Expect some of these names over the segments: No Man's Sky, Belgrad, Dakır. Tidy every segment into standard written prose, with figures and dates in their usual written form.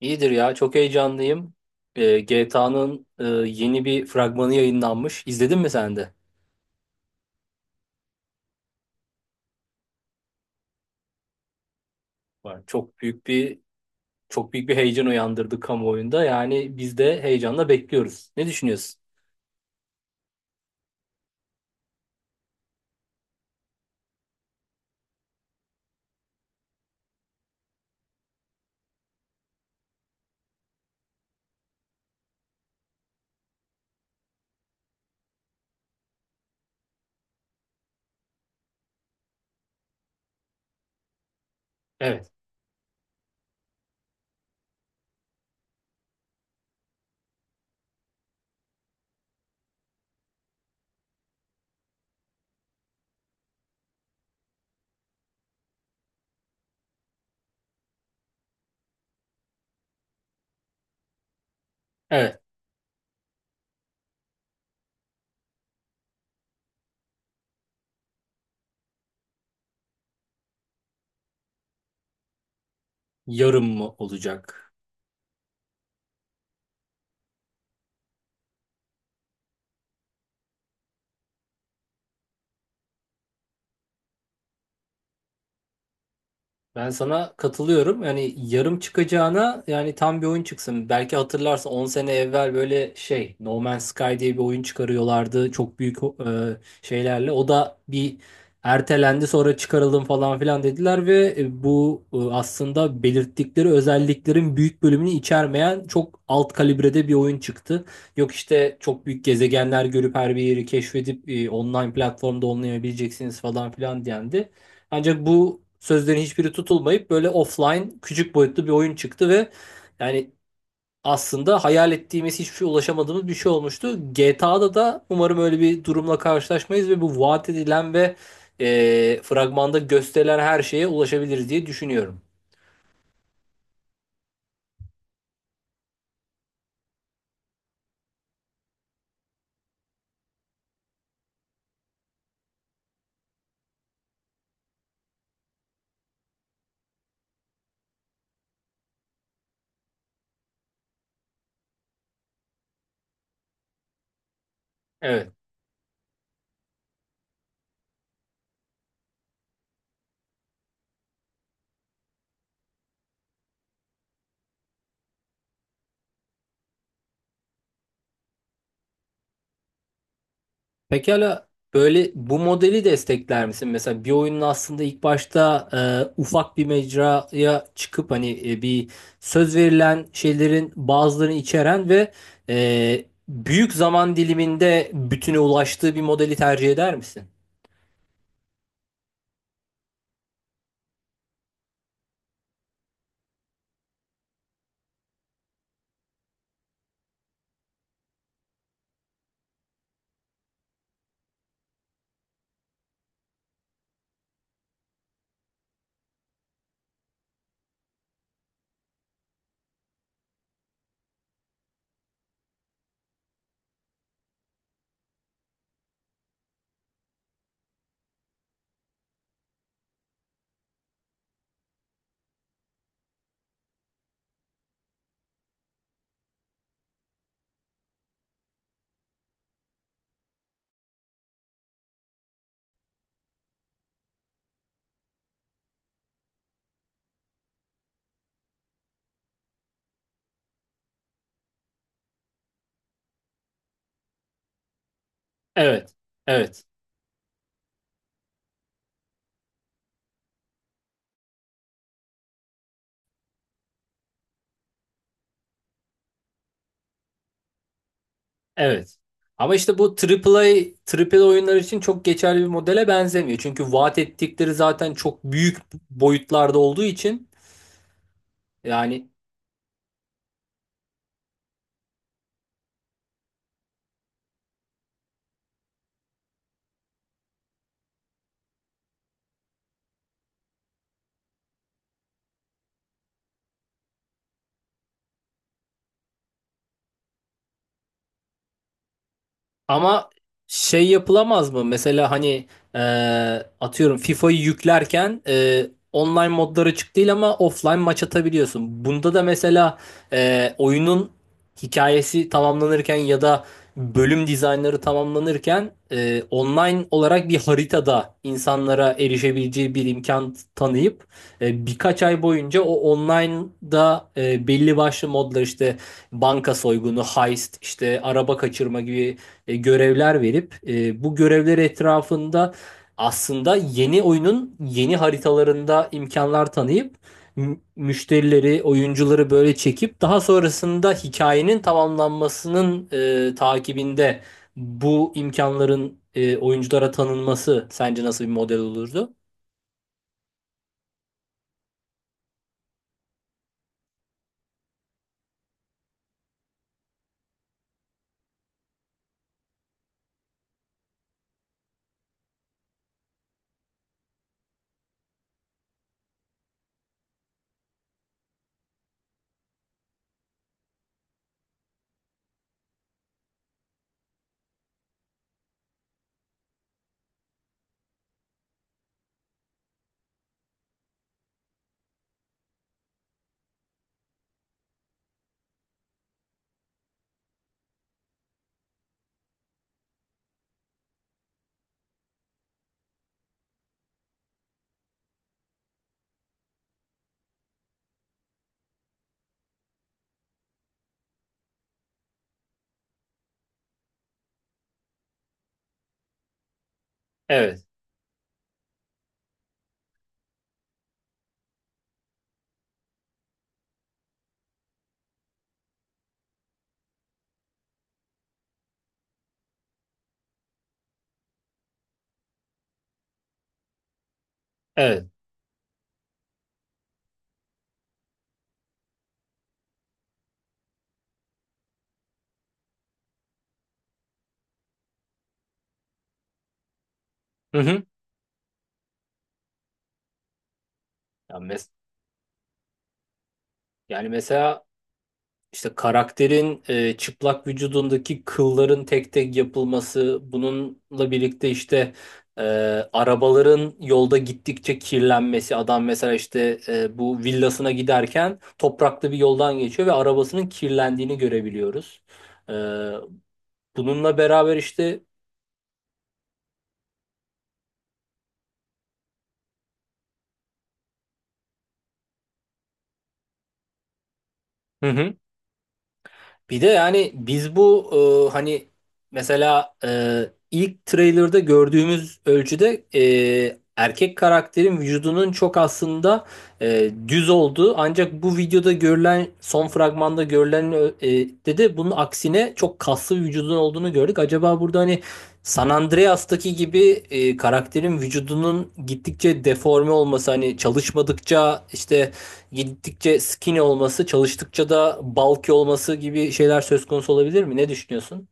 İyidir ya. Çok heyecanlıyım. GTA'nın yeni bir fragmanı yayınlanmış. İzledin mi sen de? Var. Çok büyük bir heyecan uyandırdı kamuoyunda. Yani biz de heyecanla bekliyoruz. Ne düşünüyorsun? Evet. Evet. Yarın mı olacak? Ben sana katılıyorum. Yani yarım çıkacağına yani tam bir oyun çıksın. Belki hatırlarsın 10 sene evvel böyle şey No Man's Sky diye bir oyun çıkarıyorlardı. Çok büyük şeylerle. O da bir ertelendi, sonra çıkaralım falan filan dediler ve bu aslında belirttikleri özelliklerin büyük bölümünü içermeyen çok alt kalibrede bir oyun çıktı. Yok işte çok büyük gezegenler görüp her bir yeri keşfedip online platformda oynayabileceksiniz falan filan diyendi. Ancak bu sözlerin hiçbiri tutulmayıp böyle offline küçük boyutlu bir oyun çıktı ve yani aslında hayal ettiğimiz hiçbir şey, ulaşamadığımız bir şey olmuştu. GTA'da da umarım öyle bir durumla karşılaşmayız ve bu vaat edilen ve fragmanda gösterilen her şeye ulaşabiliriz diye düşünüyorum. Evet. Pekala, böyle bu modeli destekler misin? Mesela bir oyunun aslında ilk başta ufak bir mecraya çıkıp hani bir, söz verilen şeylerin bazılarını içeren ve büyük zaman diliminde bütüne ulaştığı bir modeli tercih eder misin? Evet. Evet. Evet. Ama işte bu AAA oyunlar için çok geçerli bir modele benzemiyor. Çünkü vaat ettikleri zaten çok büyük boyutlarda olduğu için, yani. Ama şey yapılamaz mı? Mesela hani e, atıyorum FIFA'yı yüklerken online modları açık değil ama offline maç atabiliyorsun. Bunda da mesela oyunun hikayesi tamamlanırken ya da bölüm dizaynları tamamlanırken online olarak bir haritada insanlara erişebileceği bir imkan tanıyıp birkaç ay boyunca o online'da belli başlı modlar, işte banka soygunu, heist, işte araba kaçırma gibi görevler verip bu görevler etrafında aslında yeni oyunun yeni haritalarında imkanlar tanıyıp müşterileri, oyuncuları böyle çekip daha sonrasında hikayenin tamamlanmasının takibinde bu imkanların oyunculara tanınması sence nasıl bir model olurdu? Evet, evet. Hı hı. Ya mes- Yani mesela İşte karakterin çıplak vücudundaki kılların tek tek yapılması, bununla birlikte işte e, arabaların yolda gittikçe kirlenmesi. Adam mesela işte bu villasına giderken topraklı bir yoldan geçiyor ve arabasının kirlendiğini görebiliyoruz. E, Bununla beraber işte... Hı hı. Bir de yani biz bu hani mesela ilk trailer'da gördüğümüz ölçüde erkek karakterin vücudunun çok aslında düz olduğu, ancak bu videoda görülen, son fragmanda görülen e, de bunun aksine çok kaslı bir vücudun olduğunu gördük. Acaba burada hani San Andreas'taki gibi karakterin vücudunun gittikçe deforme olması, hani çalışmadıkça işte gittikçe skinny olması, çalıştıkça da bulky olması gibi şeyler söz konusu olabilir mi? Ne düşünüyorsun?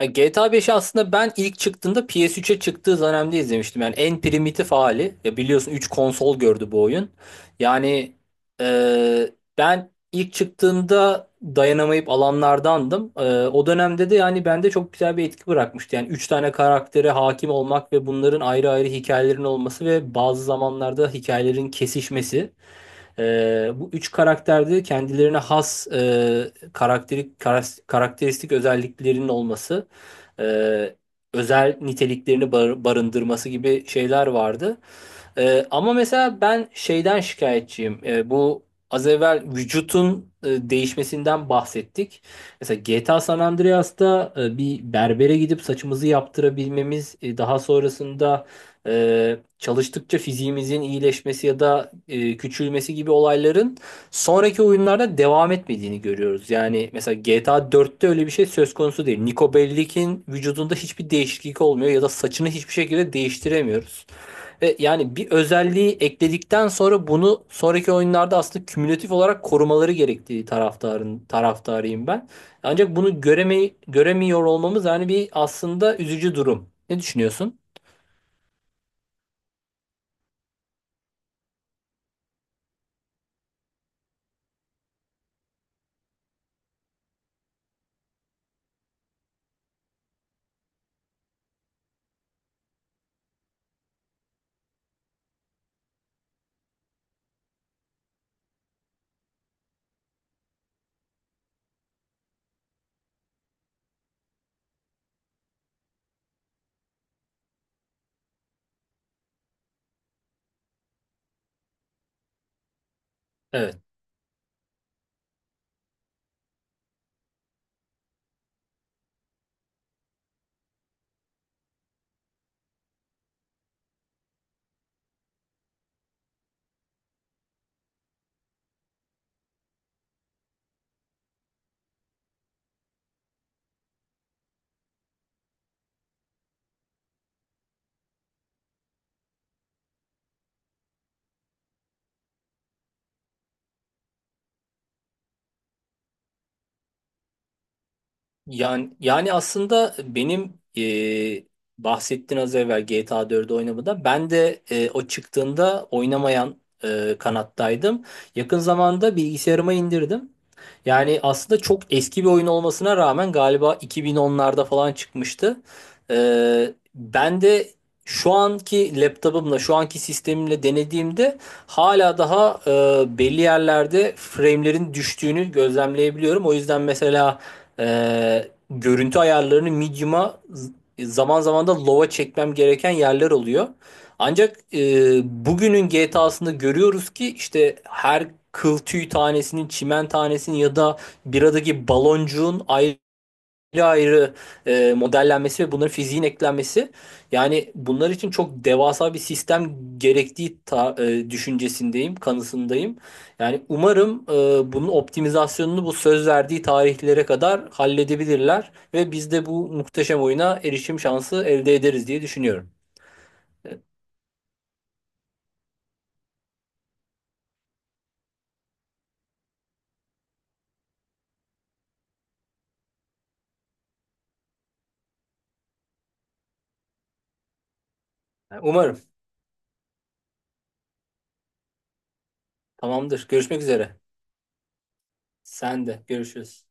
Ya GTA 5'i aslında ben ilk çıktığında, PS3'e çıktığı dönemde izlemiştim. Yani en primitif hali. Ya biliyorsun, 3 konsol gördü bu oyun. Yani e, ben ilk çıktığında dayanamayıp alanlardandım. O dönemde de yani bende çok güzel bir etki bırakmıştı. Yani 3 tane karaktere hakim olmak ve bunların ayrı ayrı hikayelerinin olması ve bazı zamanlarda hikayelerin kesişmesi. Bu üç karakterde kendilerine has karakteristik özelliklerinin olması, e, özel niteliklerini barındırması gibi şeyler vardı. Ama mesela ben şeyden şikayetçiyim. Bu, az evvel vücutun değişmesinden bahsettik. Mesela GTA San Andreas'ta bir berbere gidip saçımızı yaptırabilmemiz, daha sonrasında çalıştıkça fiziğimizin iyileşmesi ya da küçülmesi gibi olayların sonraki oyunlarda devam etmediğini görüyoruz. Yani mesela GTA 4'te öyle bir şey söz konusu değil. Niko Bellic'in vücudunda hiçbir değişiklik olmuyor ya da saçını hiçbir şekilde değiştiremiyoruz. Ve yani bir özelliği ekledikten sonra bunu sonraki oyunlarda aslında kümülatif olarak korumaları gerektiği taraftarıyım ben. Ancak bunu göremiyor olmamız yani bir aslında üzücü durum. Ne düşünüyorsun? Evet. Yani, aslında benim bahsettiğin, az evvel GTA 4'ü oynamada ben de o çıktığında oynamayan kanattaydım. Yakın zamanda bilgisayarıma indirdim. Yani aslında çok eski bir oyun olmasına rağmen galiba 2010'larda falan çıkmıştı. Ben de şu anki laptopumla, şu anki sistemimle denediğimde hala daha belli yerlerde frame'lerin düştüğünü gözlemleyebiliyorum. O yüzden mesela görüntü ayarlarını medium'a, zaman zaman da low'a çekmem gereken yerler oluyor. Ancak bugünün GTA'sında görüyoruz ki işte her kıl tüy tanesinin, çimen tanesinin ya da biradaki baloncuğun ayrı ayrı modellenmesi ve bunların fiziğin eklenmesi, yani bunlar için çok devasa bir sistem gerektiği düşüncesindeyim, kanısındayım. Yani umarım bunun optimizasyonunu bu söz verdiği tarihlere kadar halledebilirler ve biz de bu muhteşem oyuna erişim şansı elde ederiz diye düşünüyorum. Umarım. Tamamdır. Görüşmek üzere. Sen de görüşürüz.